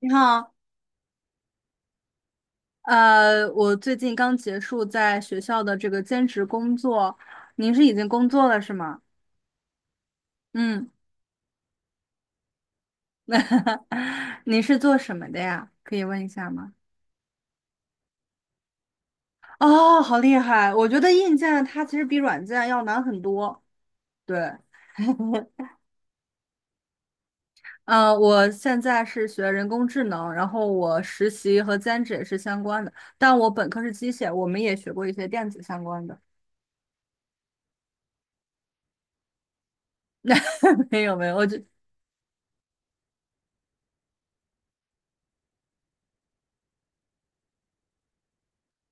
你好，我最近刚结束在学校的这个兼职工作，您是已经工作了是吗？嗯，您是做什么的呀？可以问一下吗？哦，好厉害！我觉得硬件它其实比软件要难很多。对，我现在是学人工智能，然后我实习和兼职也是相关的，但我本科是机械，我们也学过一些电子相关的。没有没有，我就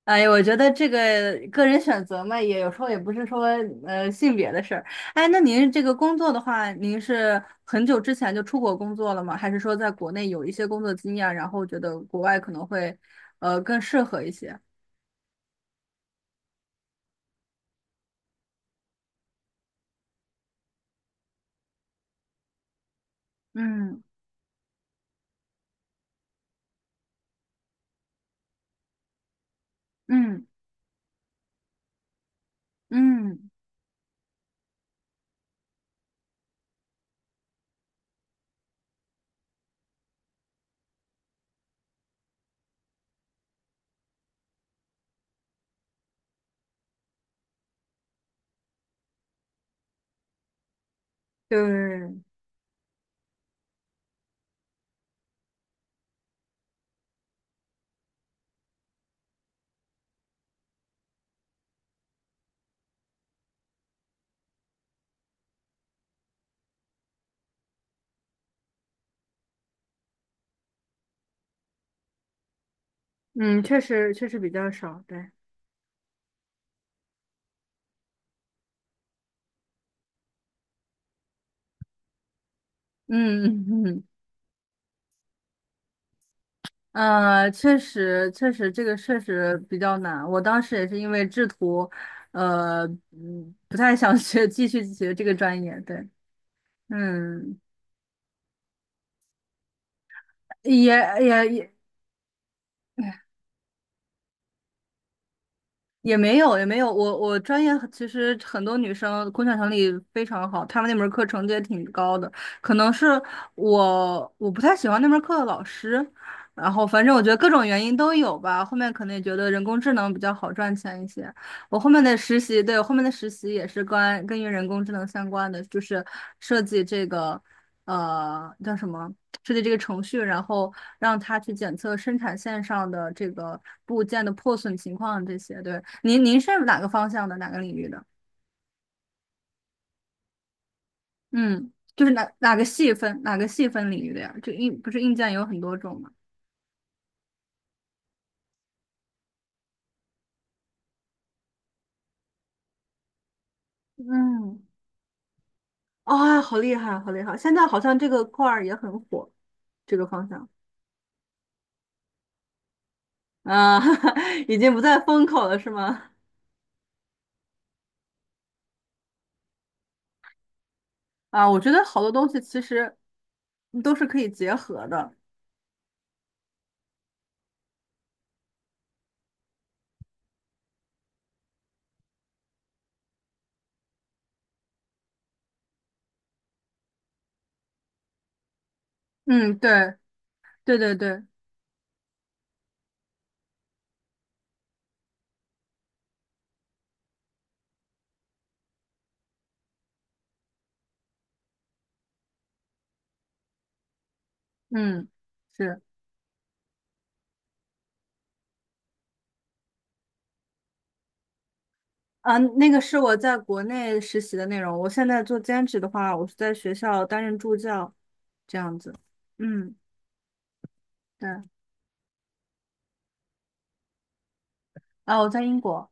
哎，我觉得这个个人选择嘛，也有时候也不是说性别的事儿。哎，那您这个工作的话，您是很久之前就出国工作了吗？还是说在国内有一些工作经验，然后觉得国外可能会更适合一些？嗯嗯嗯，对，嗯，确实确实比较少，对。嗯嗯确实，确实，这个确实比较难。我当时也是因为制图，呃，嗯，不太想学，继续学这个专业。对，嗯，也也也，也没有，也没有。我专业其实很多女生工作能力非常好，她们那门课成绩也挺高的。可能是我不太喜欢那门课的老师，然后反正我觉得各种原因都有吧。后面可能也觉得人工智能比较好赚钱一些。我后面的实习，对，我后面的实习也是关跟于人工智能相关的，就是设计这个叫什么，设计这个程序，然后。让他去检测生产线上的这个部件的破损情况这些。对，您是哪个方向的，哪个领域的？嗯，就是哪个细分领域的呀？就硬不是硬件有很多种吗？嗯，啊、好厉害，好厉害！现在好像这个块儿也很火，这个方向啊，已经不在风口了，是吗？啊，我觉得好多东西其实都是可以结合的。嗯，对对对对，嗯。是。嗯，那个是我在国内实习的内容。我现在做兼职的话，我是在学校担任助教，这样子。嗯，对。啊，我在英国。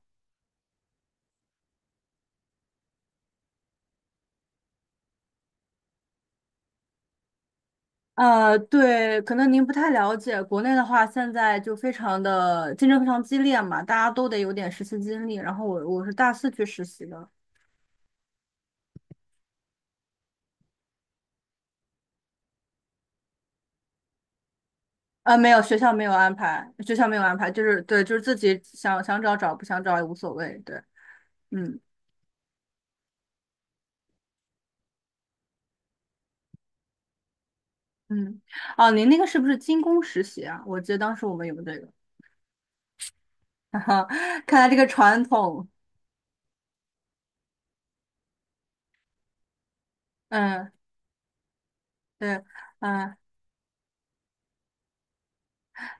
对，可能您不太了解，国内的话，现在就非常的竞争非常激烈嘛，大家都得有点实习经历。然后我是大四去实习的，没有，学校没有安排，学校没有安排，就是对，就是自己想找，不想找也无所谓。对，嗯嗯。哦，您那个是不是金工实习啊？我记得当时我们有这个。看来这个传统，嗯，对，嗯，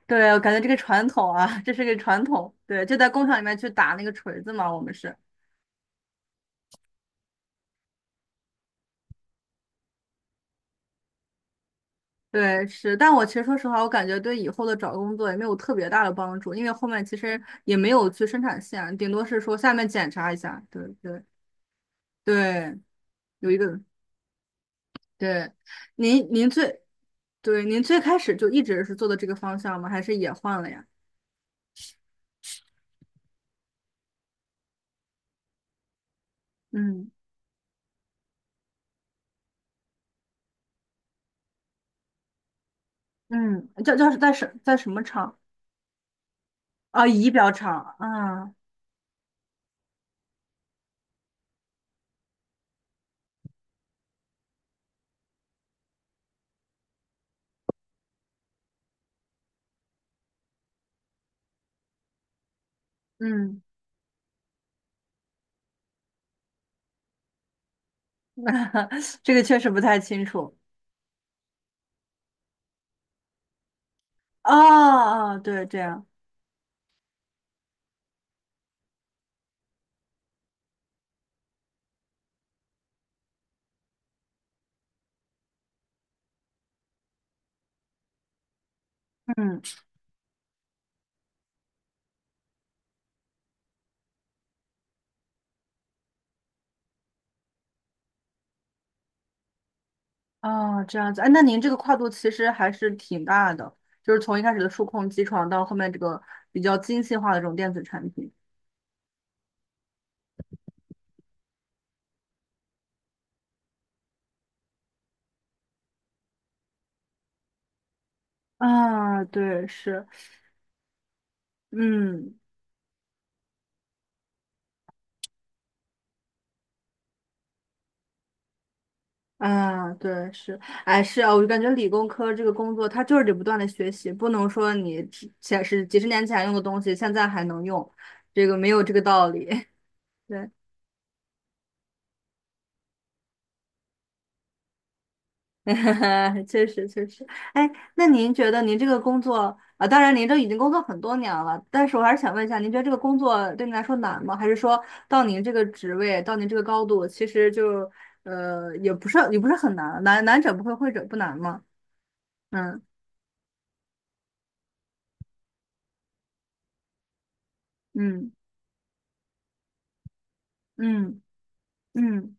对，我感觉这个传统啊，这是个传统，对，就在工厂里面去打那个锤子嘛，我们是，对，是，但我其实说实话，我感觉对以后的找工作也没有特别大的帮助，因为后面其实也没有去生产线，顶多是说下面检查一下，对对对，有一个，对，您最，对，您最开始就一直是做的这个方向吗？还是也换了呀？嗯嗯，叫叫在什在什么厂？啊，仪表厂，嗯嗯，这个确实不太清楚。哦哦，对，这样，嗯，哦，这样子，哎，那您这个跨度其实还是挺大的，就是从一开始的数控机床到后面这个比较精细化的这种电子产品。啊，对，是，嗯，啊，对，是，哎，是啊，我就感觉理工科这个工作，它就是得不断的学习，不能说你之前是几十年前用的东西，现在还能用，这个没有这个道理。对。确实确实，哎，那您觉得您这个工作啊，当然您都已经工作很多年了，但是我还是想问一下，您觉得这个工作对您来说难吗？还是说到您这个职位，到您这个高度，其实就也不是也不是很难，难者不会，会者不难嘛。嗯嗯嗯嗯，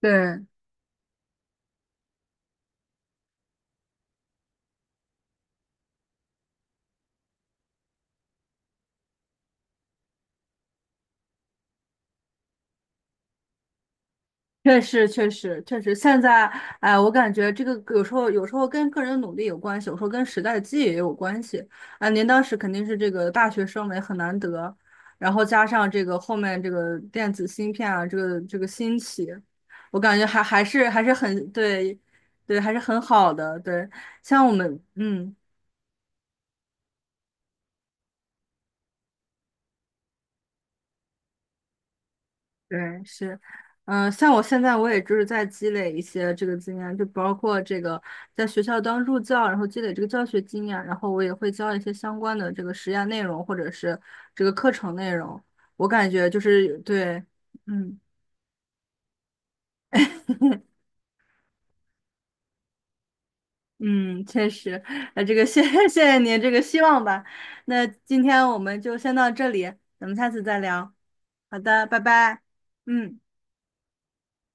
对，确实，确实，确实，现在，哎，我感觉这个有时候，有时候跟个人努力有关系，有时候跟时代机遇也有关系。啊、您当时肯定是这个大学生嘛，也很难得，然后加上这个后面这个电子芯片啊，这个这个兴起，我感觉还是很对，对，还是很好的。对，像我们，嗯。对，是，嗯、像我现在我也就是在积累一些这个经验，就包括这个在学校当助教，然后积累这个教学经验，然后我也会教一些相关的这个实验内容或者是这个课程内容。我感觉就是对，嗯 嗯，确实，那这个谢 谢谢您这个希望吧。那今天我们就先到这里，咱们下次再聊。好的，拜拜。嗯。